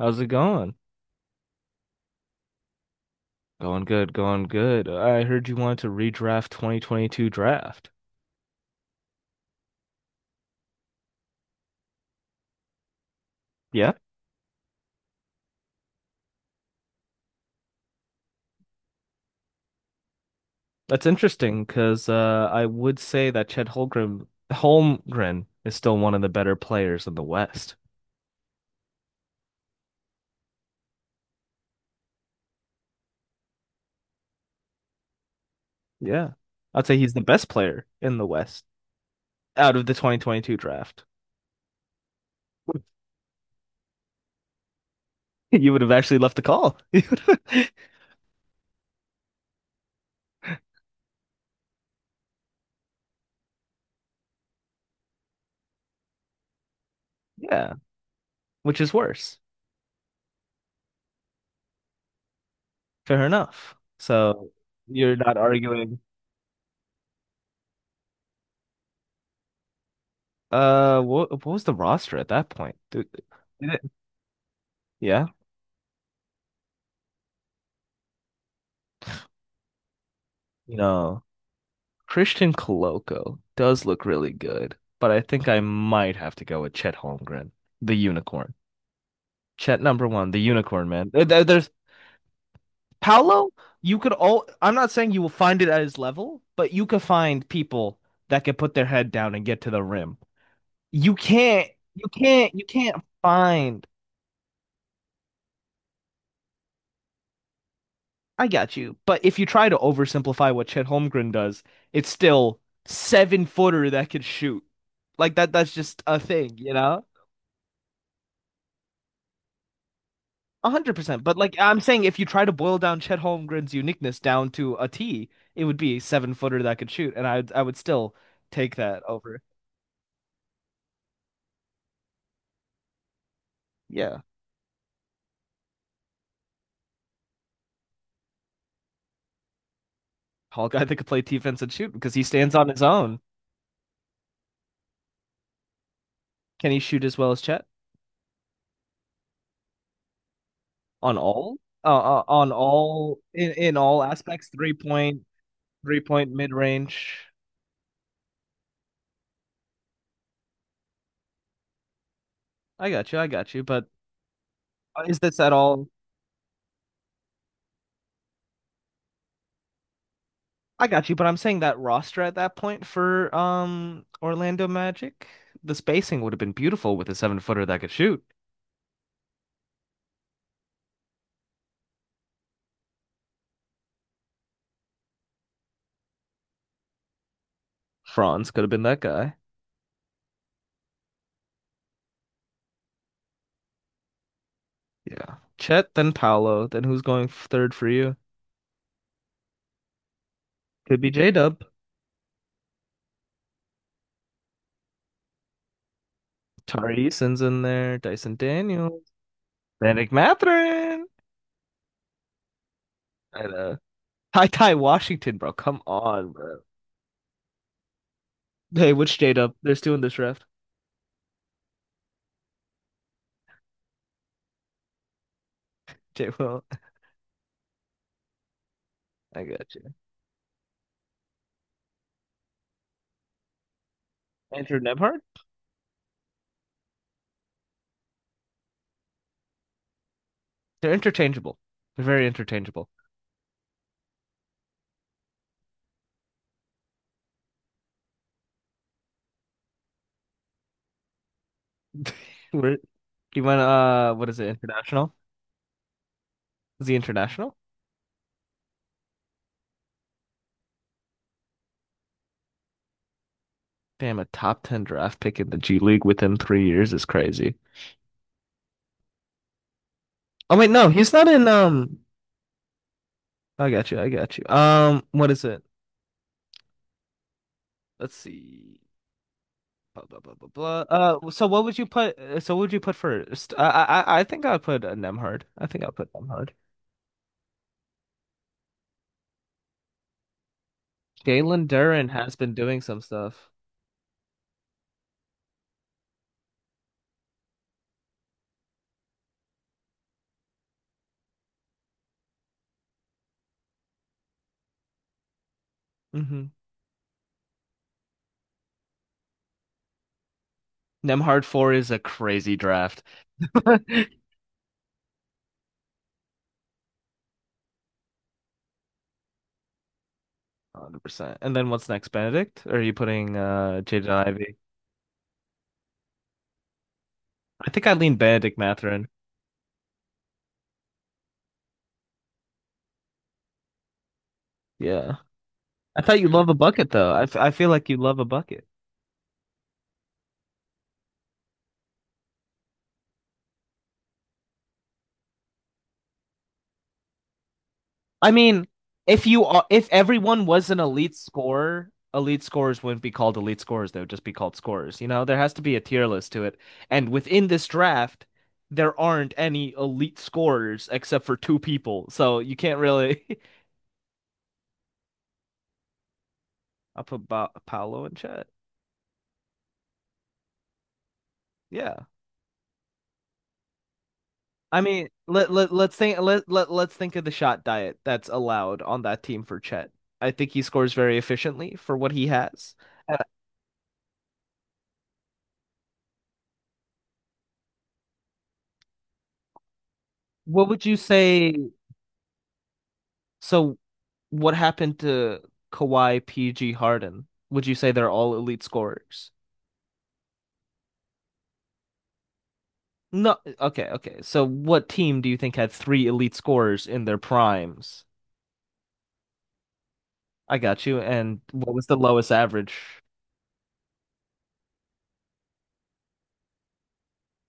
How's it going? Going good, going good. I heard you wanted to redraft 2022 draft. Yeah, that's interesting because I would say that Chet Holmgren is still one of the better players in the West. Yeah, I'd say he's the best player in the West out of the 2022 draft. You would have actually left the call. Yeah, which is worse. Fair enough. So you're not arguing. What was the roster at that point? Did it- Yeah. No, Christian Coloco does look really good, but I think I might have to go with Chet Holmgren, the unicorn. Chet number one, the unicorn man. There's Paolo. You could all. I'm not saying you will find it at his level, but you could find people that could put their head down and get to the rim. You can't. You can't. You can't find. I got you. But if you try to oversimplify what Chet Holmgren does, it's still 7-footer that can shoot. Like that. That's just a thing. 100%. But like I'm saying, if you try to boil down Chet Holmgren's uniqueness down to a T, it would be a 7-footer that could shoot, and I would still take that over. Yeah, Hawkeye that could play defense and shoot because he stands on his own. Can he shoot as well as Chet on all uh, on all in all aspects? 3-point, 3-point mid range. I got you. I got you. But is this at all? I got you, but I'm saying that roster at that point for Orlando Magic, the spacing would have been beautiful with a 7-footer that could shoot. Franz could have been that guy. Yeah. Chet, then Paolo, then who's going third for you? Could be J-Dub. Tari Eason's in there, Dyson Daniels, Vanek Mathurin. I know. Ty Ty Washington, bro. Come on, bro. Hey, which J-Dub? There's two in this draft. J Will. I got you. Andrew Nemhard? They're interchangeable. They're very interchangeable. We're You went, what is it? International? Is he international? Damn, a top 10 draft pick in the G League within 3 years is crazy. Oh, wait, no, he's not in, I got you, I got you. What is it? Let's see. Blah, blah, blah, blah, blah. So what would you put first? I think I would put Nemhard. I think I'll put Nemhard. Jalen Duren has been doing some stuff. hmm Nemhard 4 is a crazy draft. 100%. And then what's next, Benedict? Or are you putting, Jaden Ivey? I think I lean Benedict Matherin. Yeah. I thought you love a bucket though. I feel like you love a bucket. I mean, if you are, if everyone was an elite scorer, elite scorers wouldn't be called elite scorers. They would just be called scorers. You know, there has to be a tier list to it. And within this draft, there aren't any elite scorers except for two people. So you can't really. I'll put Paolo in chat. Yeah. I mean, let's think of the shot diet that's allowed on that team for Chet. I think he scores very efficiently for what he has. Uh, what would you say? So, what happened to Kawhi, PG, Harden? Would you say they're all elite scorers? No. Okay. Okay. So, what team do you think had three elite scorers in their primes? I got you. And what was the lowest average.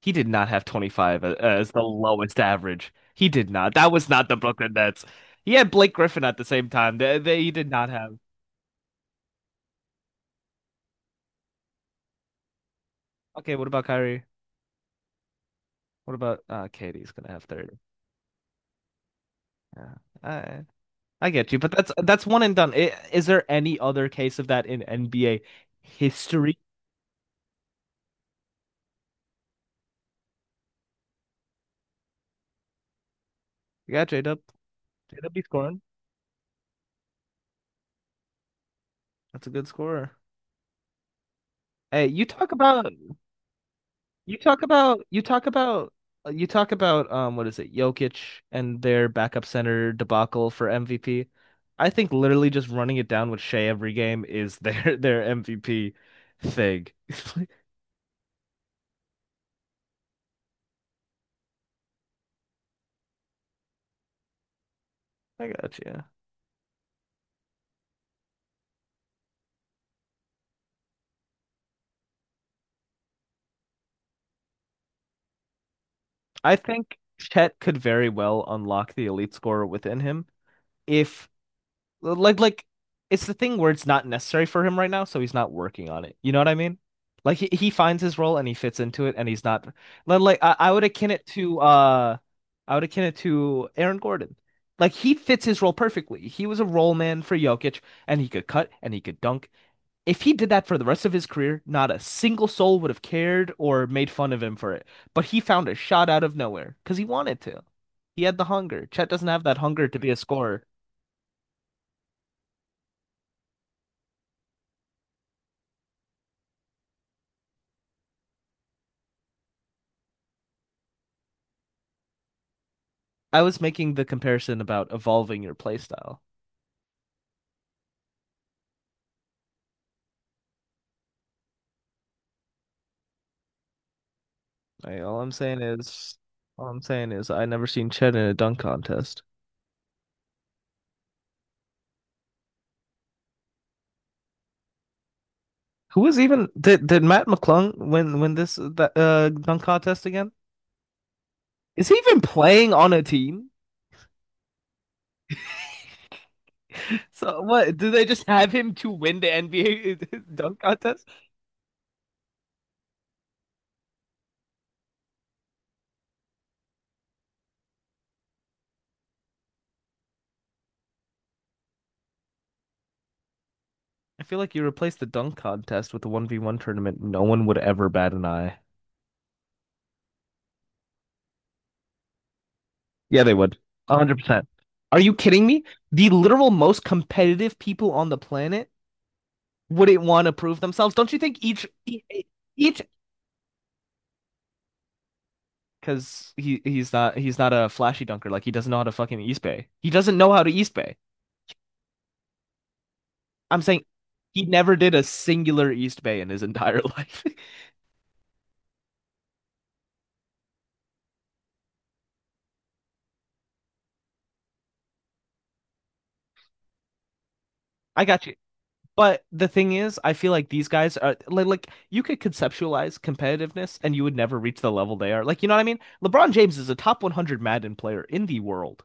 He did not have 25 as the lowest average. He did not. That was not the Brooklyn Nets. He had Blake Griffin at the same time. He did not have. Okay, what about Kyrie? What about Katie's gonna have 30. Yeah. I I get you, but that's one and done. Is there any other case of that in NBA history? Yeah, J-Dub. J-Dub be scoring. That's a good scorer. Hey, you talk about, what is it, Jokic and their backup center debacle for MVP. I think literally just running it down with Shea every game is their their MVP thing. I got you. I think Chet could very well unlock the elite scorer within him if like it's the thing where it's not necessary for him right now, so he's not working on it. You know what I mean? Like he finds his role and he fits into it and he's not. Like, I would akin it to Aaron Gordon. Like he fits his role perfectly. He was a role man for Jokic and he could cut and he could dunk. If he did that for the rest of his career, not a single soul would have cared or made fun of him for it. But he found a shot out of nowhere because he wanted to. He had the hunger. Chet doesn't have that hunger to be a scorer. I was making the comparison about evolving your playstyle. Like, all I'm saying is, I never seen Chet in a dunk contest. Who was even did Matt McClung win this that dunk contest again? Is he even playing on a team? So what? Do they just have him to win the NBA dunk contest? I feel like you replace the dunk contest with the 1v1 tournament, no one would ever bat an eye. Yeah, they would. 100%. Are you kidding me? The literal most competitive people on the planet wouldn't want to prove themselves. Don't you think? Each Because he's not a flashy dunker. Like he doesn't know how to fucking East Bay. He doesn't know how to East Bay. I'm saying he never did a singular East Bay in his entire life. I got you. But the thing is, I feel like these guys are like you could conceptualize competitiveness and you would never reach the level they are. Like, you know what I mean? LeBron James is a top 100 Madden player in the world.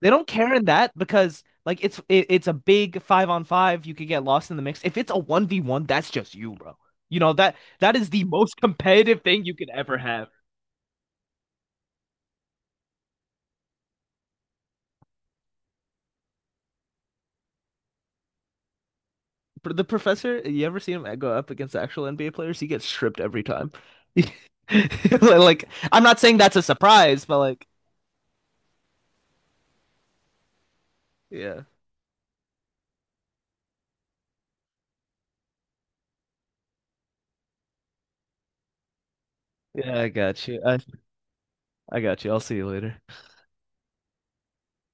They don't care in that because like it's a big 5-on-5. You could get lost in the mix. If it's a 1v1, that's just you, bro. You know that that is the most competitive thing you could ever have. But the professor, you ever seen him go up against actual NBA players? He gets stripped every time. Like I'm not saying that's a surprise, but like yeah, yeah, I got you. I got you. I'll see you later.